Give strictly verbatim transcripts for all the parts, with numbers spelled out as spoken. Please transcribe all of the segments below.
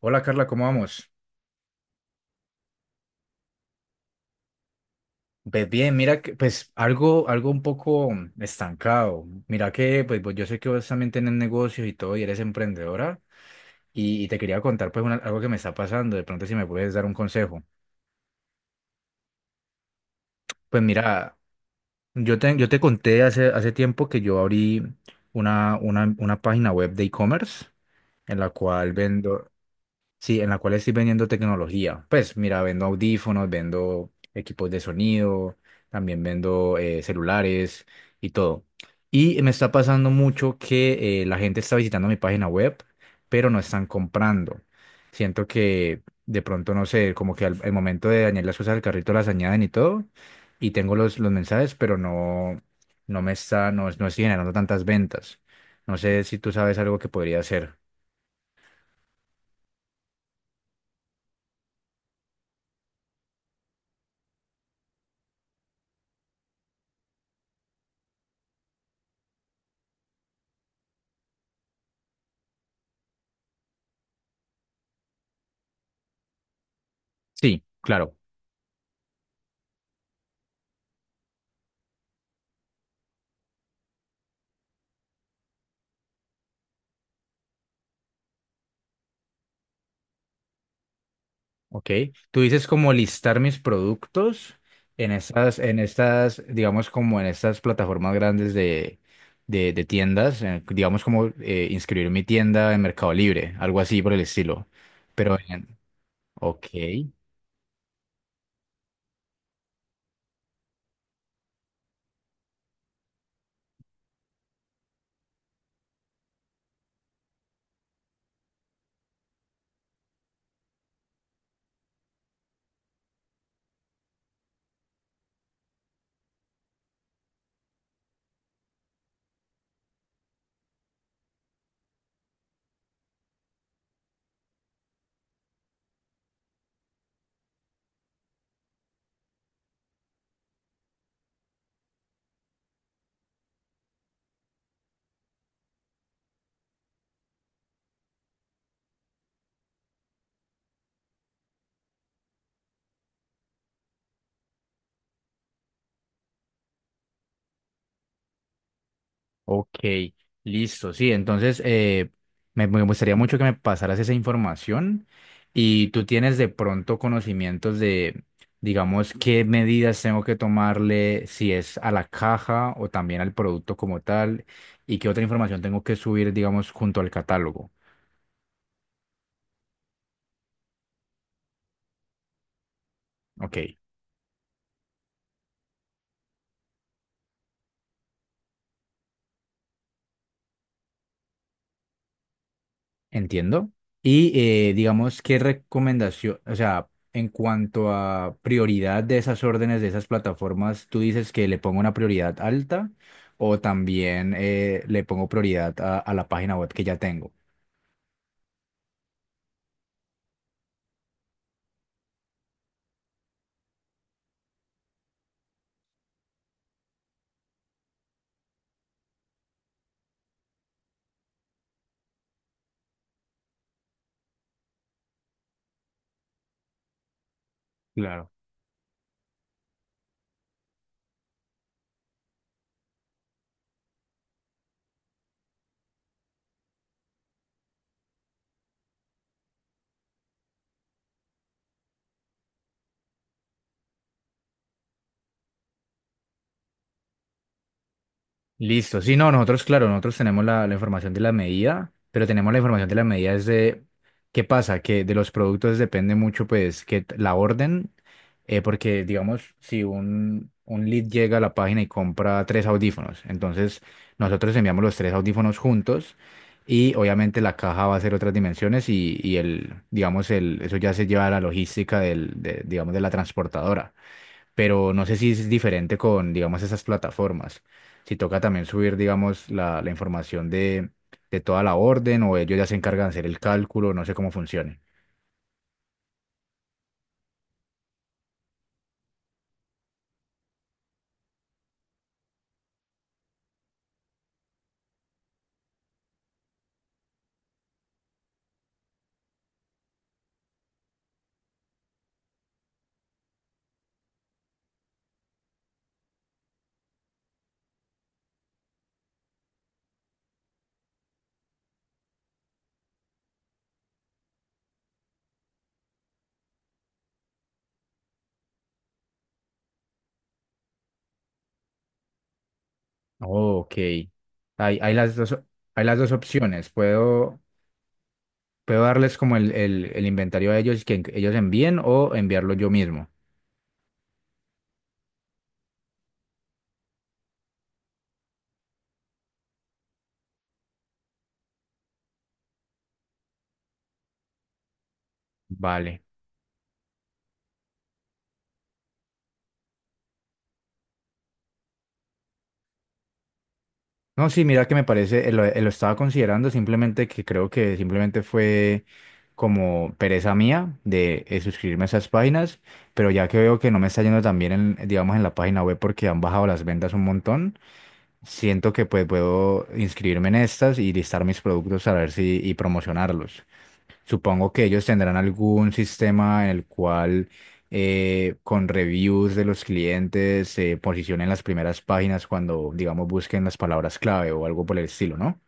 Hola Carla, ¿cómo vamos? Pues bien, mira que pues algo, algo un poco estancado. Mira que pues, vos- yo sé que vos también tenés negocios y todo y eres emprendedora y, y te quería contar pues una- algo que me está pasando, de pronto si me puedes dar un consejo. Pues mira, yo te, yo te conté hace, hace tiempo que yo abrí una, una, una página web de e-commerce en la cual vendo. Sí, en la cual estoy vendiendo tecnología. Pues mira, vendo audífonos, vendo equipos de sonido, también vendo eh, celulares y todo. Y me está pasando mucho que eh, la gente está visitando mi página web, pero no están comprando. Siento que de pronto, no sé, como que al, al momento de añadir las cosas al carrito las añaden y todo, y tengo los, los mensajes, pero no, no me está, no, no estoy generando tantas ventas. No sé si tú sabes algo que podría hacer. Sí, claro. Ok, tú dices como listar mis productos en estas, en estas, digamos como en estas plataformas grandes de, de, de tiendas, eh, digamos como eh, inscribir mi tienda en Mercado Libre, algo así por el estilo. Pero, en- ok. Ok, listo, sí, entonces eh, me, me gustaría mucho que me pasaras esa información y tú tienes de pronto conocimientos de, digamos, qué medidas tengo que tomarle, si es a la caja o también al producto como tal, y qué otra información tengo que subir, digamos, junto al catálogo. Ok. Entiendo. Y eh, digamos, ¿qué recomendación, o sea, en cuanto a prioridad de esas órdenes, de esas plataformas, tú dices que le pongo una prioridad alta o también eh, le pongo prioridad a, a la página web que ya tengo? Listo, sí, no, nosotros, claro, nosotros tenemos la, la información de la medida, pero tenemos la información de la medida es de, ¿qué pasa? Que de los productos depende mucho, pues, que t- la orden, eh, porque, digamos, si un, un lead llega a la página y compra tres audífonos, entonces nosotros enviamos los tres audífonos juntos y obviamente la caja va a ser otras dimensiones y, y el, digamos, el, eso ya se lleva a la logística del, de, digamos, de la transportadora, pero no sé si es diferente con, digamos, esas plataformas. Si toca también subir, digamos, la, la información de, de toda la orden o ellos ya se encargan de hacer el cálculo, no sé cómo funcione. Oh, ok. Hay, hay las dos, hay las dos opciones. Puedo, puedo darles como el, el, el inventario a ellos que en- ellos envíen o enviarlo yo mismo. Vale. No, sí, mira que me parece, eh, lo, eh, lo estaba considerando, simplemente que creo que simplemente fue como pereza mía de eh, suscribirme a esas páginas, pero ya que veo que no me está yendo tan bien en, digamos, en la página web porque han bajado las ventas un montón, siento que pues puedo inscribirme en estas y listar mis productos a ver si y promocionarlos. Supongo que ellos tendrán algún sistema en el cual eh, con reviews de los clientes se posicionen las primeras páginas cuando, digamos, busquen las palabras clave o algo por el estilo, ¿no?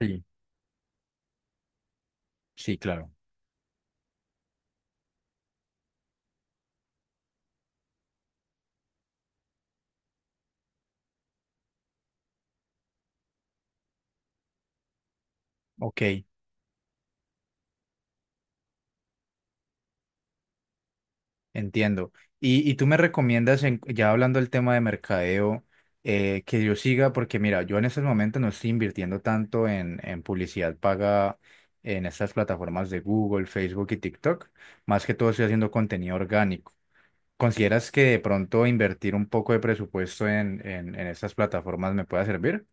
Sí, sí, claro. Ok, entiendo. Y, y tú me recomiendas, en- ya hablando del tema de mercadeo, eh, que yo siga, porque mira, yo en estos momentos no estoy invirtiendo tanto en, en publicidad paga en estas plataformas de Google, Facebook y TikTok. Más que todo estoy haciendo contenido orgánico. ¿Consideras que de pronto invertir un poco de presupuesto en, en, en estas plataformas me pueda servir?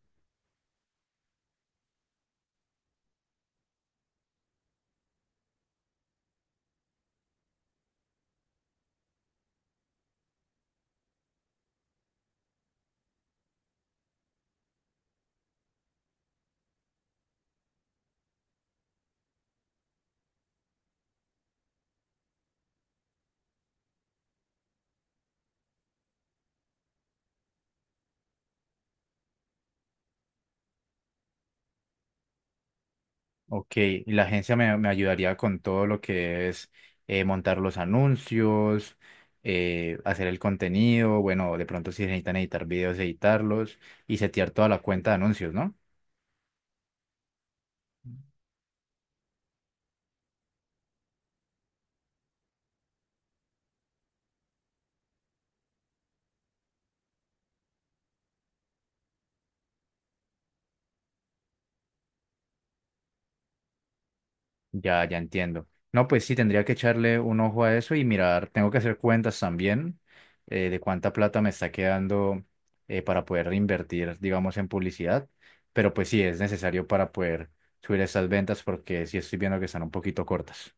Ok, y la agencia me, me ayudaría con todo lo que es eh, montar los anuncios, eh, hacer el contenido, bueno, de pronto si necesitan editar videos, editarlos y setear toda la cuenta de anuncios, ¿no? Ya, ya entiendo. No, pues sí, tendría que echarle un ojo a eso y mirar, tengo que hacer cuentas también eh, de cuánta plata me está quedando, eh, para poder invertir, digamos, en publicidad, pero pues sí, es necesario para poder subir esas ventas porque sí estoy viendo que están un poquito cortas.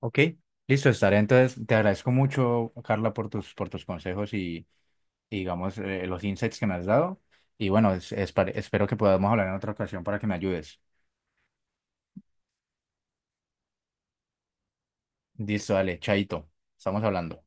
Ok, listo, estaré. Entonces, te agradezco mucho, Carla, por tus, por tus consejos y, y, digamos, eh, los insights que me has dado. Y bueno, es- espar- espero que podamos hablar en otra ocasión para que me ayudes. Listo, dale, chaito, estamos hablando.